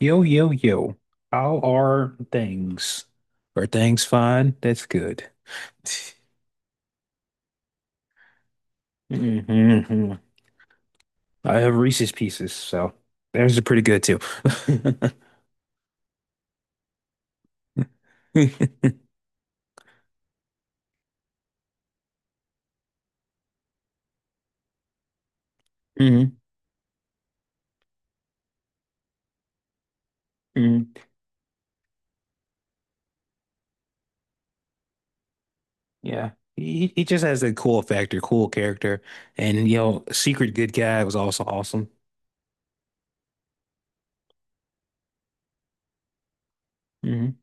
Yo, yo, yo. How are things? Are things fine? That's good. hmm I have Reese's Pieces, so theirs are pretty good too. hmm hmm Yeah. He just has a cool factor, cool character. And, you know, Secret Good Guy was also awesome. hmm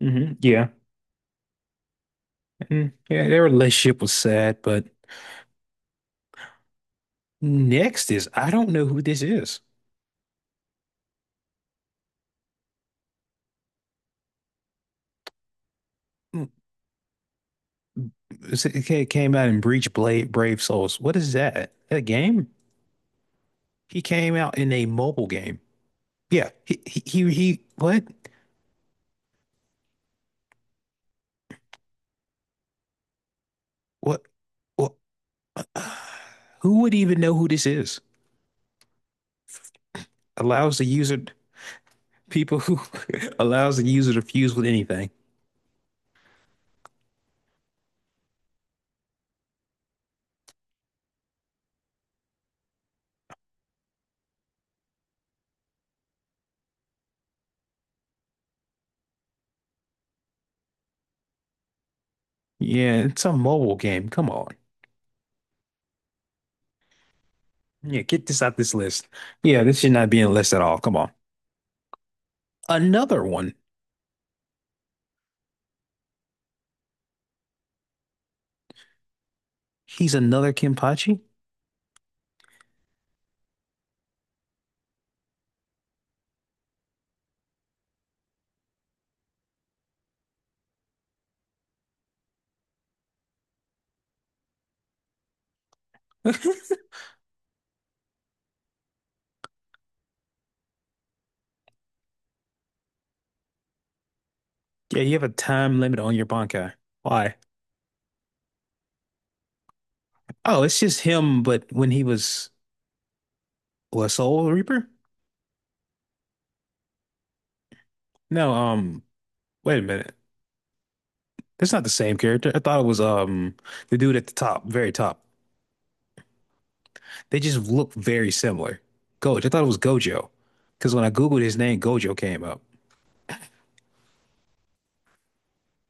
Yeah. And, yeah, their relationship was sad, but next is I don't know who this is. It came out in Breach Blade Brave Souls. What is that? A game? He came out in a mobile game. Yeah. He what? What what who would even know who this is? Allows the user people who allows the user to fuse with anything. Yeah, it's a mobile game. Come on. Yeah, get this out this list. Yeah, this should not be in the list at all. Come on. Another one. He's another Kenpachi? Yeah, you have a time limit on your Bankai. Why? Oh, it's just him, but when he was what, Soul Reaper? No, wait a minute. That's not the same character. I thought it was the dude at the top, very top. They just look very similar. Gojo. I thought it was Gojo. Because when I Googled his name, Gojo came up.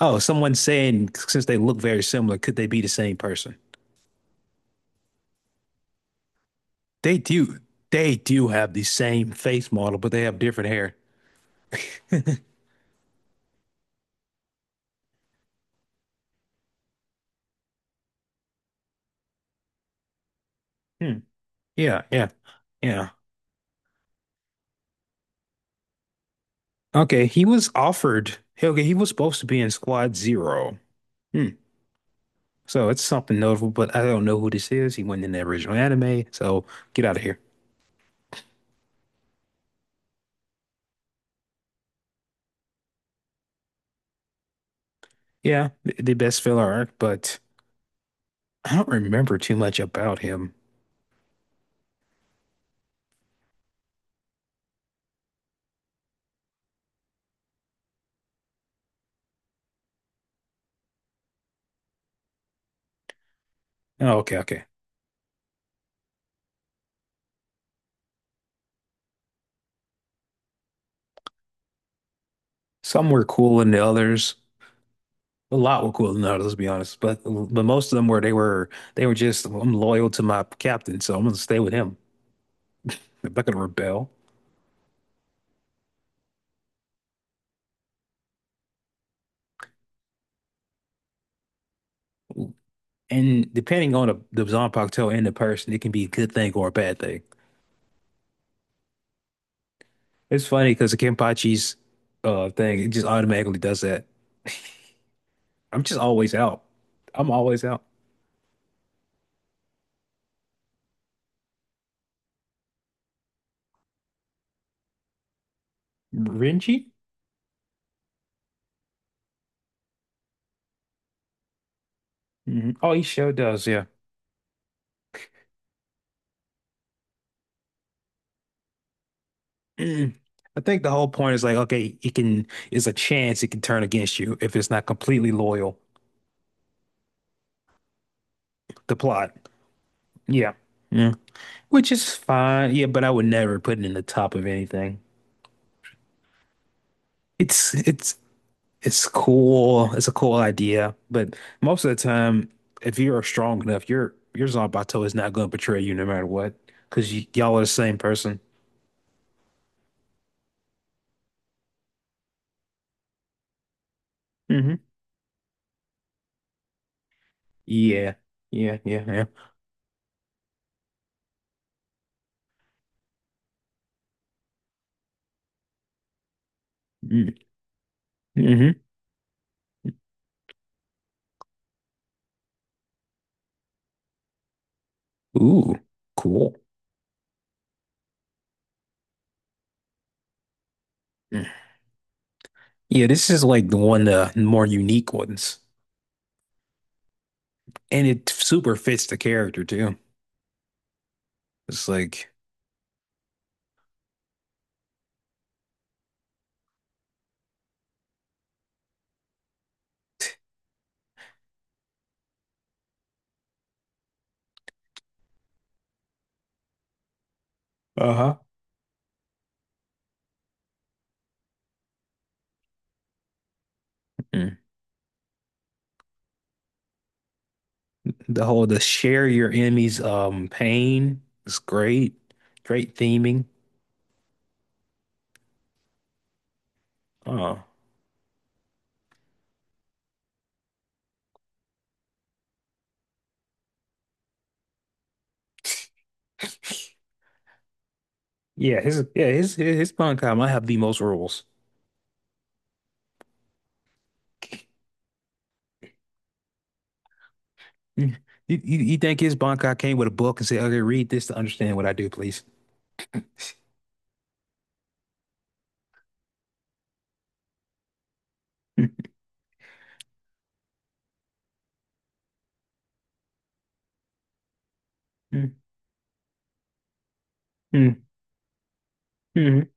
Oh, someone's saying since they look very similar, could they be the same person? They do have the same face model, but they have different hair. Hmm. Yeah, yeah, yeah. Okay, he was offered. Hey, okay, he was supposed to be in Squad Zero. Hmm. So it's something notable, but I don't know who this is. He wasn't in the original anime, so get out of here. Yeah, the best filler arc, but I don't remember too much about him. Oh, okay, okay. Some were cool than the others. A lot were cool than others, let's be honest. But most of them were just I'm loyal to my captain, so I'm gonna stay with him. I'm not gonna rebel. And depending on the Zanpakuto and the person, it can be a good thing or a bad thing. It's funny because the Kenpachi's thing, it just automatically does that. I'm just always out. I'm always out. Renji? Mhm. Oh, he sure does. Yeah. Mhm. I think the whole point is like, okay, it can, it's a chance it can turn against you if it's not completely loyal to plot. Yeah. Yeah. Which is fine. Yeah, but I would never put it in the top of anything. It's, it's, it's cool. It's a cool idea. But most of the time, if you're strong enough, your Zanpakuto is not going to betray you no matter what, because y'all are the same person. Yeah, yeah, yeah, yeah. Mm, hmm ooh, cool. Mm. Yeah, this is like the one of the more unique ones, and it super fits the character too. It's like uh-huh. mm. The whole the share your enemy's pain is great, great theming. Oh, yeah, his yeah his Bankai might have the most rules. Mm. You think his Bankai came with a book and said, "Okay, read this to understand what I do, please." mm, mm,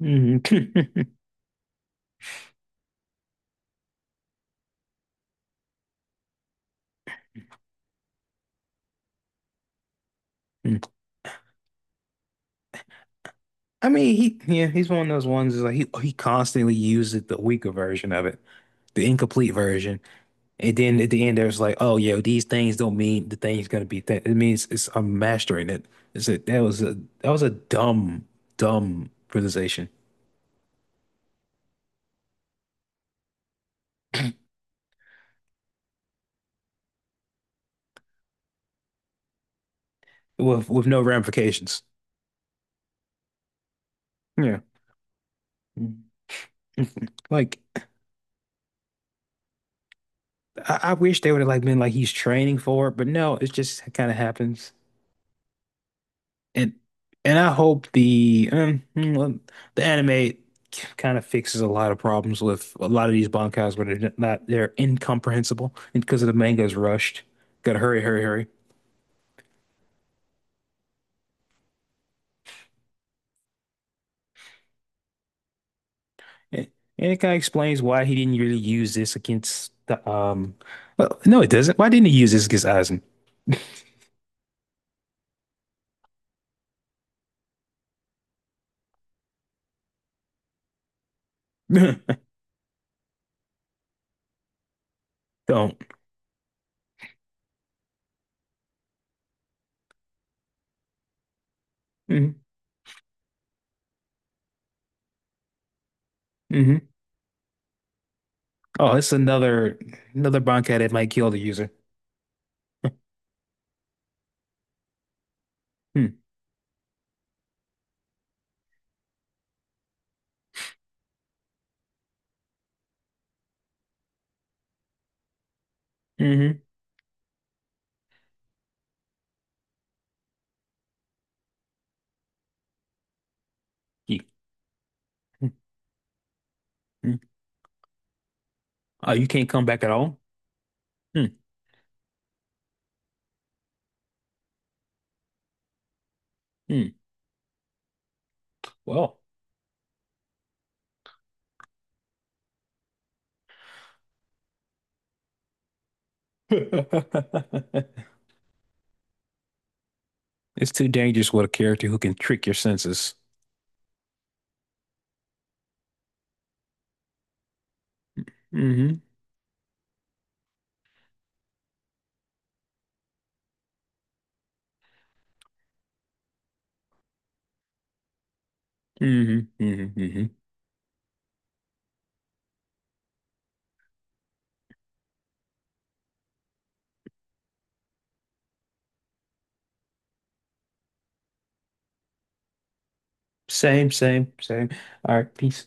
mm, mm. Mm. I mean, he yeah, he's one of those ones is like he constantly uses the weaker version of it, the incomplete version, and then at the end there's like, oh yeah, these things don't mean the thing's gonna be that. It means it's I'm mastering it. It's a, that was a that was a dumb dumb realization with no ramifications. Yeah, like I wish they would have like been like he's training for it, but no, it just kind of happens. And and I hope the well, the anime kind of fixes a lot of problems with a lot of these bankais where they're not they're incomprehensible and because of the manga's rushed. Gotta hurry, hurry, hurry. And, and it kind of explains why he didn't really use this against the. Well, no, it doesn't. Why didn't he use this against Aizen? Don't. hmm hmm Oh, it's another bankai that might kill the user. Hmm. hmm Hmm. Oh, you can't come back at all? Hmm. Hmm. Well. It's too dangerous with a character who can trick your senses. hmm hmm hmm hmm Same, same, same. All right, peace.